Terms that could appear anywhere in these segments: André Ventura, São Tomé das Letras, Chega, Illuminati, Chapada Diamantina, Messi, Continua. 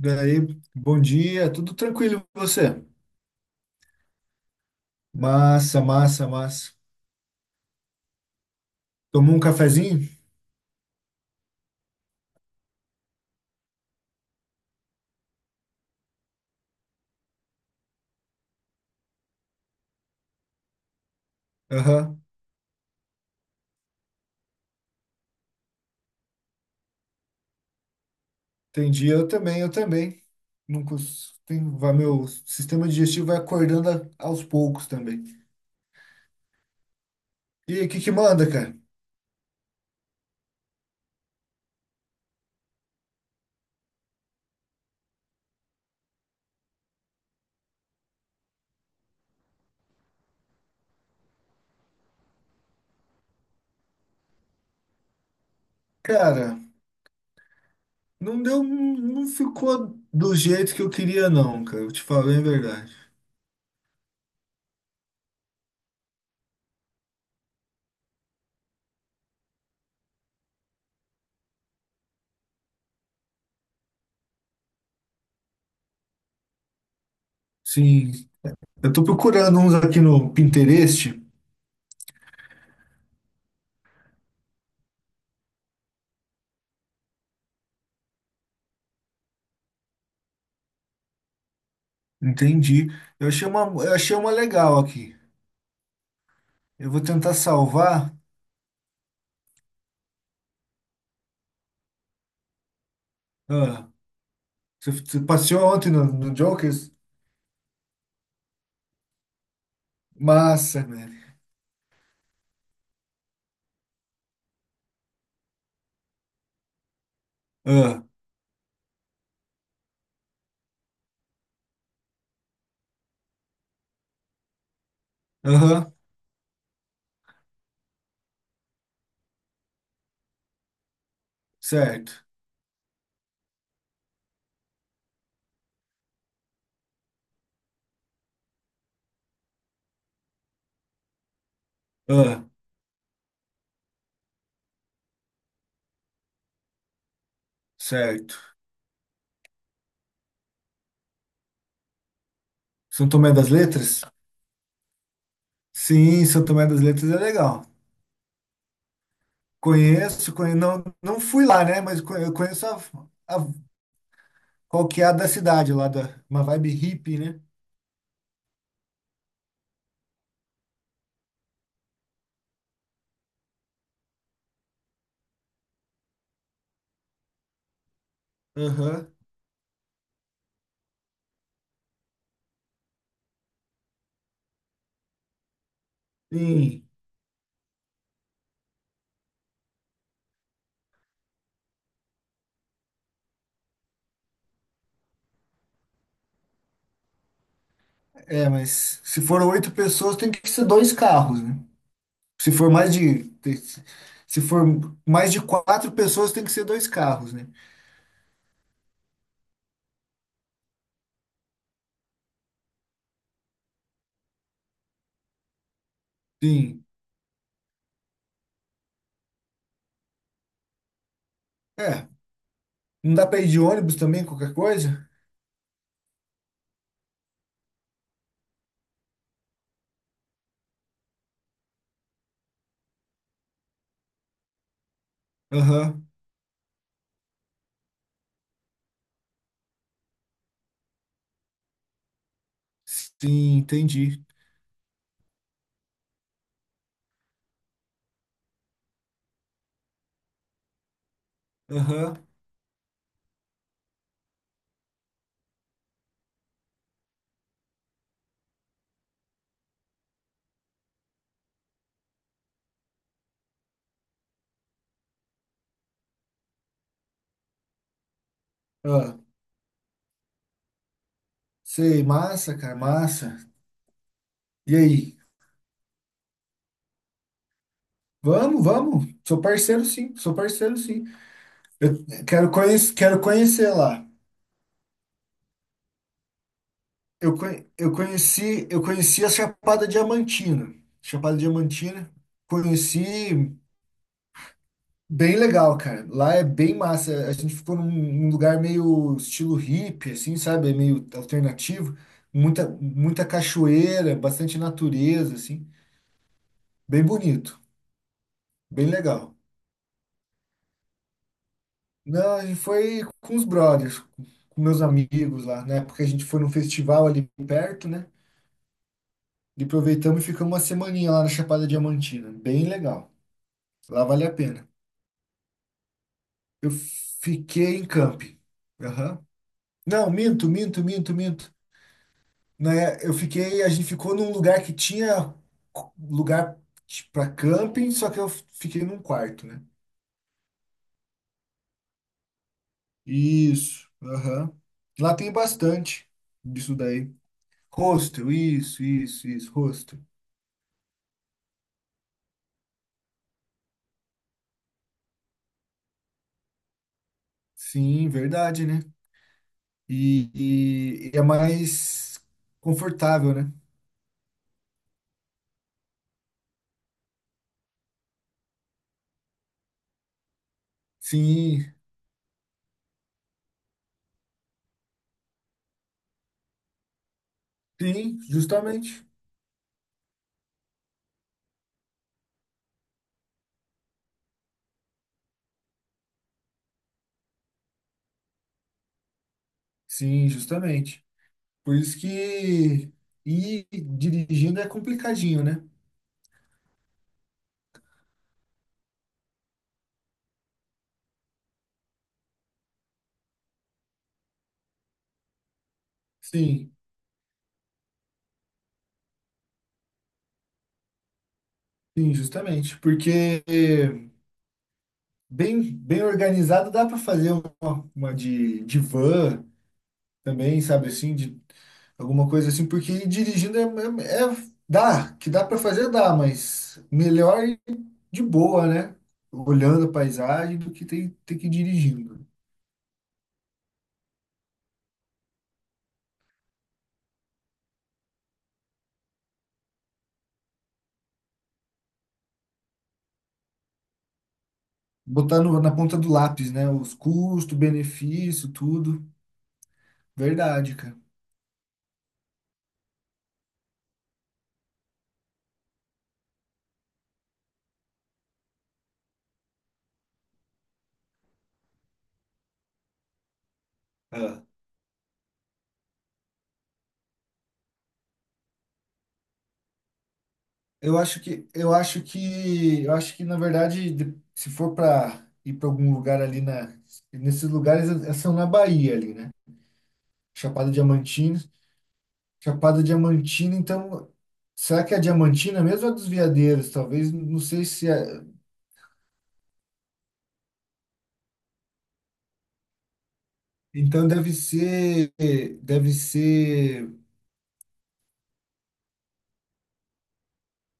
Daí, bom dia, tudo tranquilo e você? Massa, massa, massa. Tomou um cafezinho? Aham. Entendi, eu também, eu também. Não cons- Tem, vai, meu sistema digestivo vai aos poucos também. E aí, o que que manda, cara? Cara, não deu, não ficou do jeito que eu queria não, cara, eu te falei a verdade. Sim, eu tô procurando uns aqui no Pinterest, entendi. Eu achei uma legal aqui. Eu vou tentar salvar. Ah. Você passeou ontem no Jokers? Massa, velho. Ah. Aham, certo. Ah, certo. São Tomé das Letras? Sim, São Tomé das Letras é legal. Conheço, não, não fui lá, né? Eu conheço a, qual que é a da cidade lá, da, uma vibe hippie, né? Aham. Sim. É, mas se for oito pessoas, tem que ser dois carros, né? Se for mais de, te- Se for mais de quatro pessoas, tem que ser dois carros, né? Sim. É, não dá pra ir de ônibus também, qualquer coisa? Aham. Sim, entendi. Aham. Ah, sei, massa, cara, massa. E aí? Vamos, vamos. Sou parceiro, sim. Sou parceiro, sim. Eu quero conhecer lá. Eu conheci a Chapada Diamantina. Chapada Diamantina. Conheci. Bem legal, cara. Lá é bem massa. A gente ficou num, num lugar meio estilo hippie, assim, sabe? Meio alternativo. Muita cachoeira, bastante natureza, assim. Bem bonito, bem legal. Não, a gente foi com os brothers, com meus amigos lá. Na época a gente foi num festival ali perto, né? E aproveitamos e ficamos uma semaninha lá na Chapada Diamantina. Bem legal. Lá vale a pena. Eu fiquei em camping. Aham. Não, minto, minto, minto, minto, né? A gente ficou num lugar que tinha lugar para camping, só que eu fiquei num quarto, né? Isso, aham. Lá tem bastante disso daí. Hostel, isso, hostel. Sim, verdade, né? E é mais confortável, né? Sim, sim, justamente. Sim, justamente. Por isso que ir dirigindo é complicadinho, né? Sim. Sim, justamente, porque bem, bem organizado dá para fazer de van também, sabe assim, de alguma coisa assim, porque dirigindo dá, que dá para fazer dá, mas melhor ir de boa, né? Olhando a paisagem do que ter, ter que ir dirigindo. Botar no- Na ponta do lápis, né? Os custos, benefício, tudo. Verdade, cara. Eu acho que, eu acho que, eu acho que na verdade, se for para ir para algum lugar ali na, nesses lugares eh, são na Bahia ali, né? Chapada Diamantina, Chapada Diamantina. Então, será que é a Diamantina mesmo ou a dos Veadeiros? Talvez, não sei se é. Então deve ser, deve ser,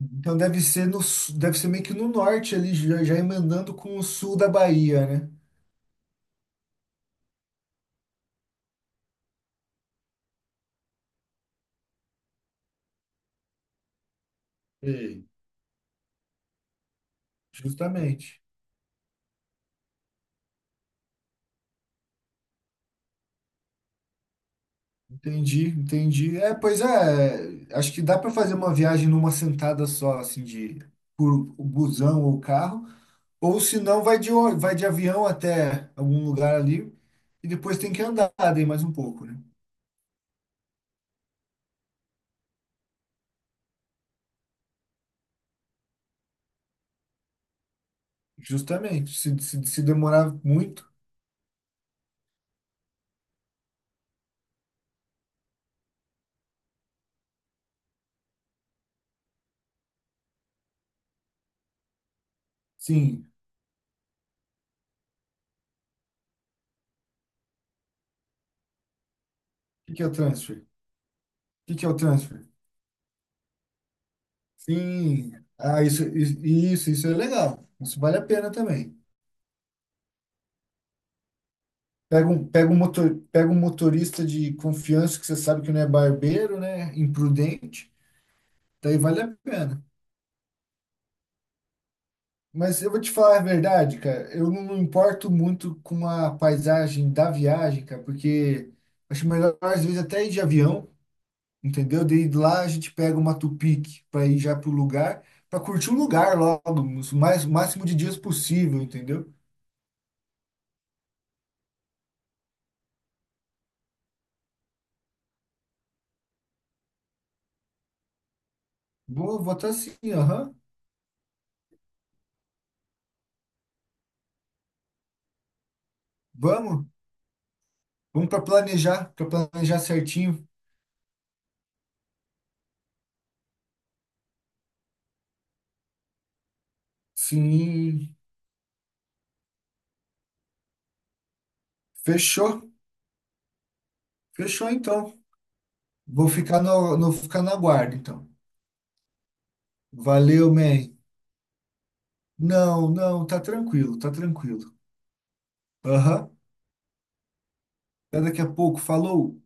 então deve ser no, su- deve ser meio que no norte ali, já, já emendando com o sul da Bahia, né? Ei. Justamente. Entendi, entendi. É, pois é, acho que dá para fazer uma viagem numa sentada só, assim, de por busão ou carro, ou se não, vai de avião até algum lugar ali e depois tem que andar daí mais um pouco, né? Justamente, se demorar muito, sim. O que que é o transfer? O que que é o transfer? Sim, ah, isso é legal. Isso vale a pena também. Pega um motorista de confiança que você sabe que não é barbeiro, né? Imprudente, daí vale a pena. Mas eu vou te falar a verdade, cara. Eu não me importo muito com a paisagem da viagem, cara, porque acho melhor às vezes até ir de avião, entendeu? Daí de lá a gente pega uma Tupic para ir já pro lugar, para curtir o lugar logo, o mais, o máximo de dias possível, entendeu? Vou votar sim, aham. Vamos, vamos para planejar certinho. Sim. Fechou? Fechou então. Vou ficar ficar na guarda então. Valeu, man. Não, não, tá tranquilo, tá tranquilo. Aham. Até daqui a pouco. Falou.